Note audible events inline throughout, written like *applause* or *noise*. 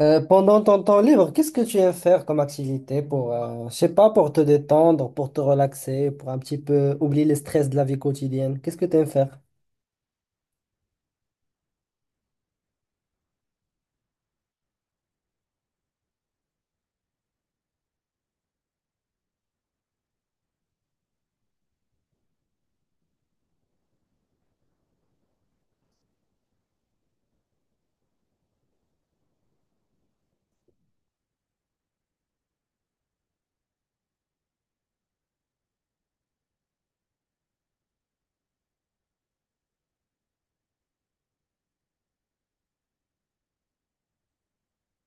Pendant ton temps libre, qu'est-ce que tu aimes faire comme activité pour, je sais pas, pour te détendre, pour te relaxer, pour un petit peu oublier le stress de la vie quotidienne? Qu'est-ce que tu aimes faire?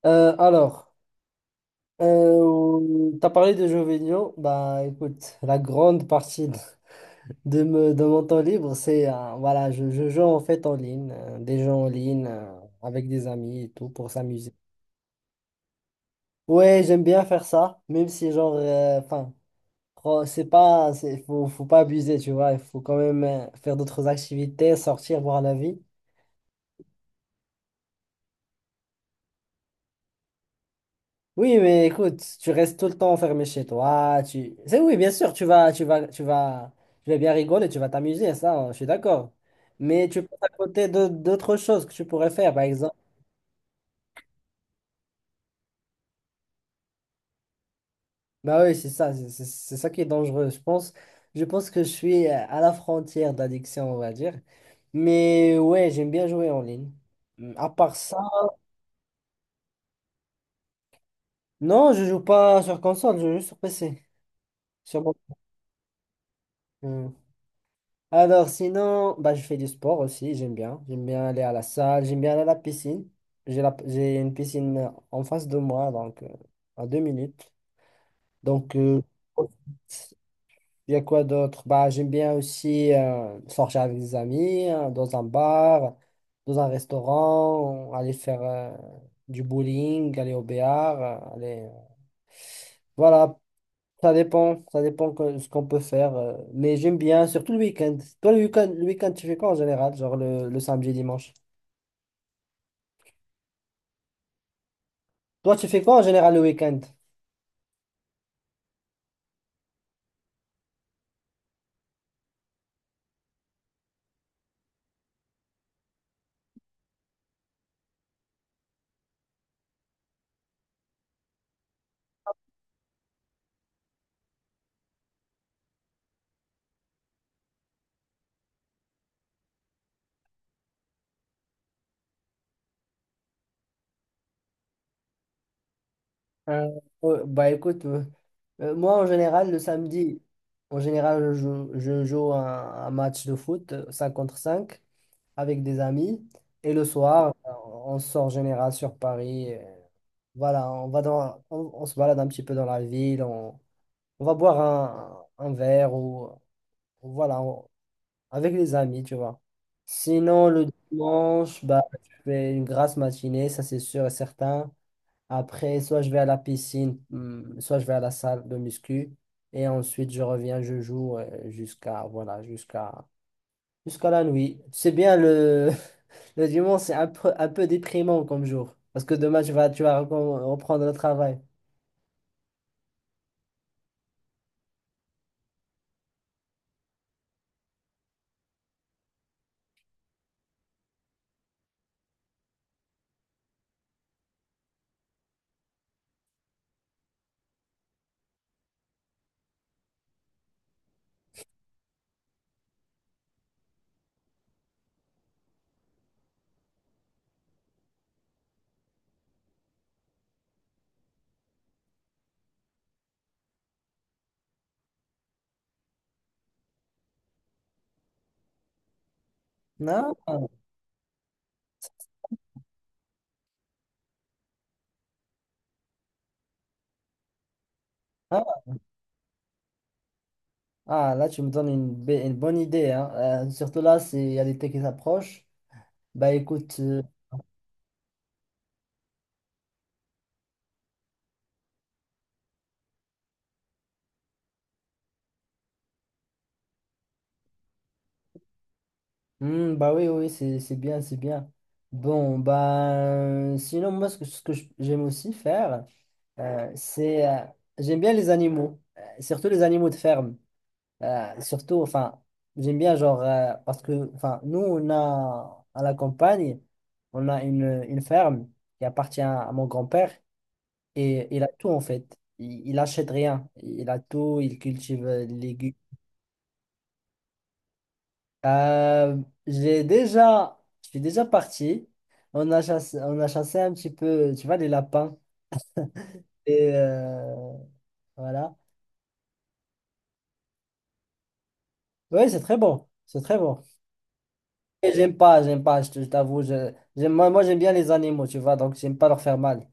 Alors, tu as parlé de jeux vidéo. Bah, écoute, la grande partie de mon temps libre, c'est, voilà, je joue en fait en ligne, des jeux en ligne, avec des amis et tout, pour s'amuser. Ouais, j'aime bien faire ça, même si genre, enfin, c'est pas, c'est, faut pas abuser, tu vois. Il faut quand même faire d'autres activités, sortir, voir la vie. Oui, mais écoute, tu restes tout le temps enfermé chez toi. Tu... C'est oui, bien sûr, tu vas bien rigoler, tu vas t'amuser, ça, je suis d'accord. Mais tu passes à côté d'autres choses que tu pourrais faire, par exemple. Bah oui, c'est ça, c'est ça qui est dangereux. Je pense que je suis à la frontière d'addiction, on va dire. Mais ouais, j'aime bien jouer en ligne. À part ça. Non, je joue pas sur console, je joue sur PC. Sur mon- Hmm. Alors sinon, bah, je fais du sport aussi, j'aime bien. J'aime bien aller à la salle, j'aime bien aller à la piscine. J'ai la... j'ai une piscine en face de moi, donc à deux minutes. Donc, il y a quoi d'autre? Bah, j'aime bien aussi sortir avec des amis, dans un bar, dans un restaurant, aller faire du bowling, aller au béar, aller... voilà, ça dépend, ce qu'on peut faire. Mais j'aime bien, surtout le week-end. Toi, le week-end, tu fais quoi en général? Genre le samedi, dimanche. Toi, tu fais quoi en général le week-end? Euh, bah écoute, moi en général, en général, je joue un match de foot, 5 contre 5 avec des amis. Et le soir, on sort en général sur Paris. Voilà, on va dans, on se balade un petit peu dans la ville. On va boire un verre ou voilà. on- avec les amis, tu vois. Sinon, le dimanche, bah, je fais une grasse matinée, ça c'est sûr et certain. Après, soit je vais à la piscine, soit je vais à la salle de muscu. Et ensuite, je reviens, je joue jusqu'à voilà, jusqu'à la nuit. C'est bien le, *laughs* le dimanche, c'est un peu déprimant comme jour. Parce que demain, reprendre le travail. Non? Ah, ah, là, tu me donnes une bonne idée, hein. Surtout là, c'est- il y a l'été qui s'approche. Bah écoute. Hmm, bah oui, oui, c'est bien. Bon, bah, sinon, moi, j'aime aussi faire, c'est, j'aime bien les animaux, surtout les animaux de ferme. Surtout, enfin, j'aime bien, genre, parce que, enfin, nous, on a, à la campagne, on a une ferme qui appartient à mon grand-père et il a tout, en fait. Il achète rien. Il a tout, il cultive les légumes. Euh, j'ai déjà, je suis déjà parti. On a chassé un petit peu, tu vois, les lapins. Et voilà. Oui, c'est très bon. C'est très bon. Et j'aime pas, je t'avoue. Moi j'aime bien les animaux, tu vois, donc j'aime pas leur faire mal.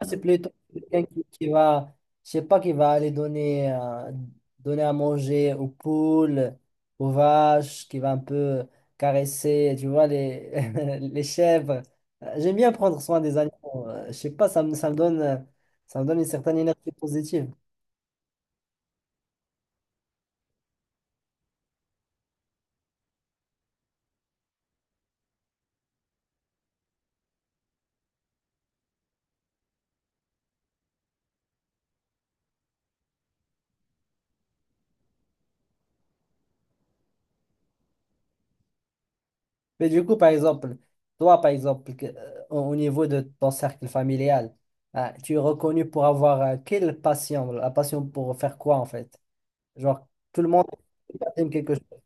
Ah, c'est plutôt quelqu'un qui va, je sais pas, qui va aller donner, donner à manger aux poules, aux vaches, qui va un peu caresser, tu vois, les, *laughs* les chèvres. J'aime bien prendre soin des animaux. Je sais pas, ça me donne une certaine énergie positive. Mais du coup, par exemple, toi, par exemple, que- au niveau de ton cercle familial, tu es reconnu pour avoir quelle passion? La passion pour faire quoi, en fait? Genre, tout le monde aime quelque chose.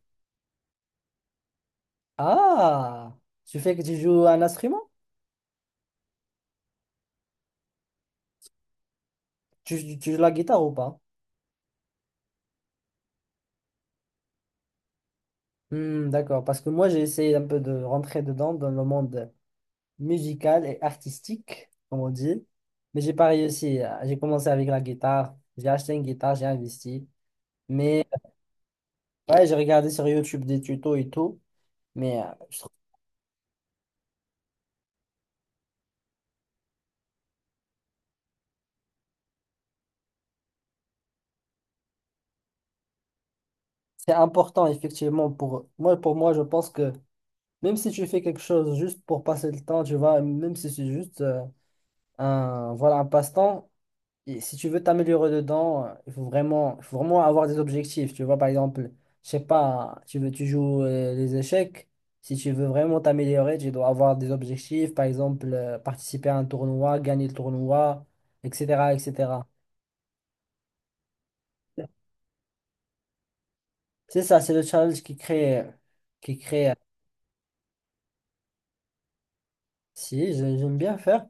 Ah, tu fais que tu joues un instrument? Tu joues la guitare ou pas? Hmm, d'accord, parce que moi j'ai essayé un peu de rentrer dedans dans le monde musical et artistique, comme on dit, mais j'ai pas réussi. J'ai commencé avec la guitare, j'ai acheté une guitare, j'ai investi, mais ouais, j'ai regardé sur YouTube des tutos et tout, mais je trouve que c'est important effectivement pour moi. Pour moi, je pense que même si tu fais quelque chose juste pour passer le temps, tu vois, même si c'est juste un voilà un passe-temps. Et si tu veux t'améliorer dedans, il faut vraiment avoir des objectifs. Tu vois, par exemple, je sais pas, tu joues les échecs. Si tu veux vraiment t'améliorer, tu dois avoir des objectifs. Par exemple, participer à un tournoi, gagner le tournoi, etc., etc. C'est ça, c'est le challenge qui crée. Si, j'aime bien faire.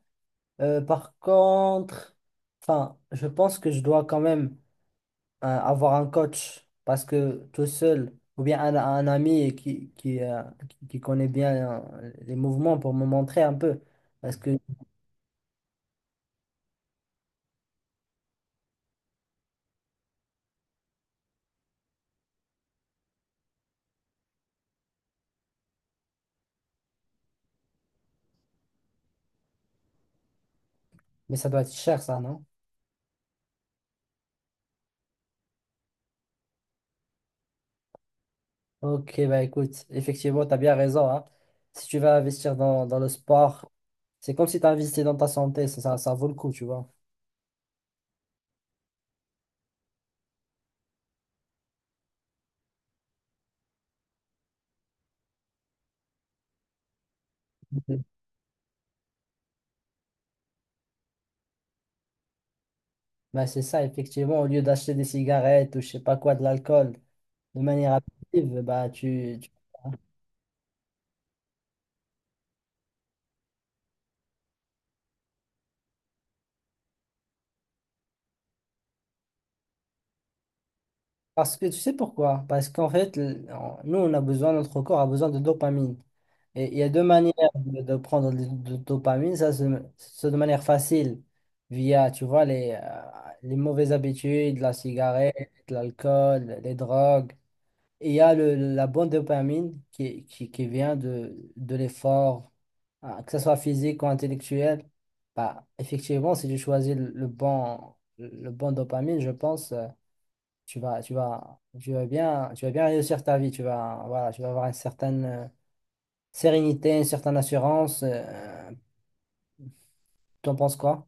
Par contre, enfin, je pense que je dois quand même avoir un coach parce que tout seul, ou bien un ami qui, qui connaît bien les mouvements pour me montrer un peu. Parce que, mais ça doit être cher, ça, non? Ok, bah écoute, effectivement, tu as bien raison, hein. Si tu vas investir dans, dans le sport, c'est comme si tu investis dans ta santé, ça vaut le coup, tu vois. Mhm. Bah, c'est ça, effectivement, au lieu d'acheter des cigarettes ou je sais pas quoi, de l'alcool, de manière active, bah, tu, Parce que tu sais pourquoi? Parce qu'en fait, nous, on a besoin, notre corps a besoin de dopamine. Et il y a deux manières de prendre de dopamine. Ça, c'est de manière facile, via, tu vois, les mauvaises habitudes, la cigarette, l'alcool, les drogues. Et il y a la bonne dopamine qui vient de l'effort, hein, que ce soit physique ou intellectuel. Bah, effectivement, si tu choisis le bon dopamine, je pense. Tu vas bien réussir ta vie. Tu vas, voilà, tu vas avoir une certaine sérénité, une certaine assurance. T'en penses quoi?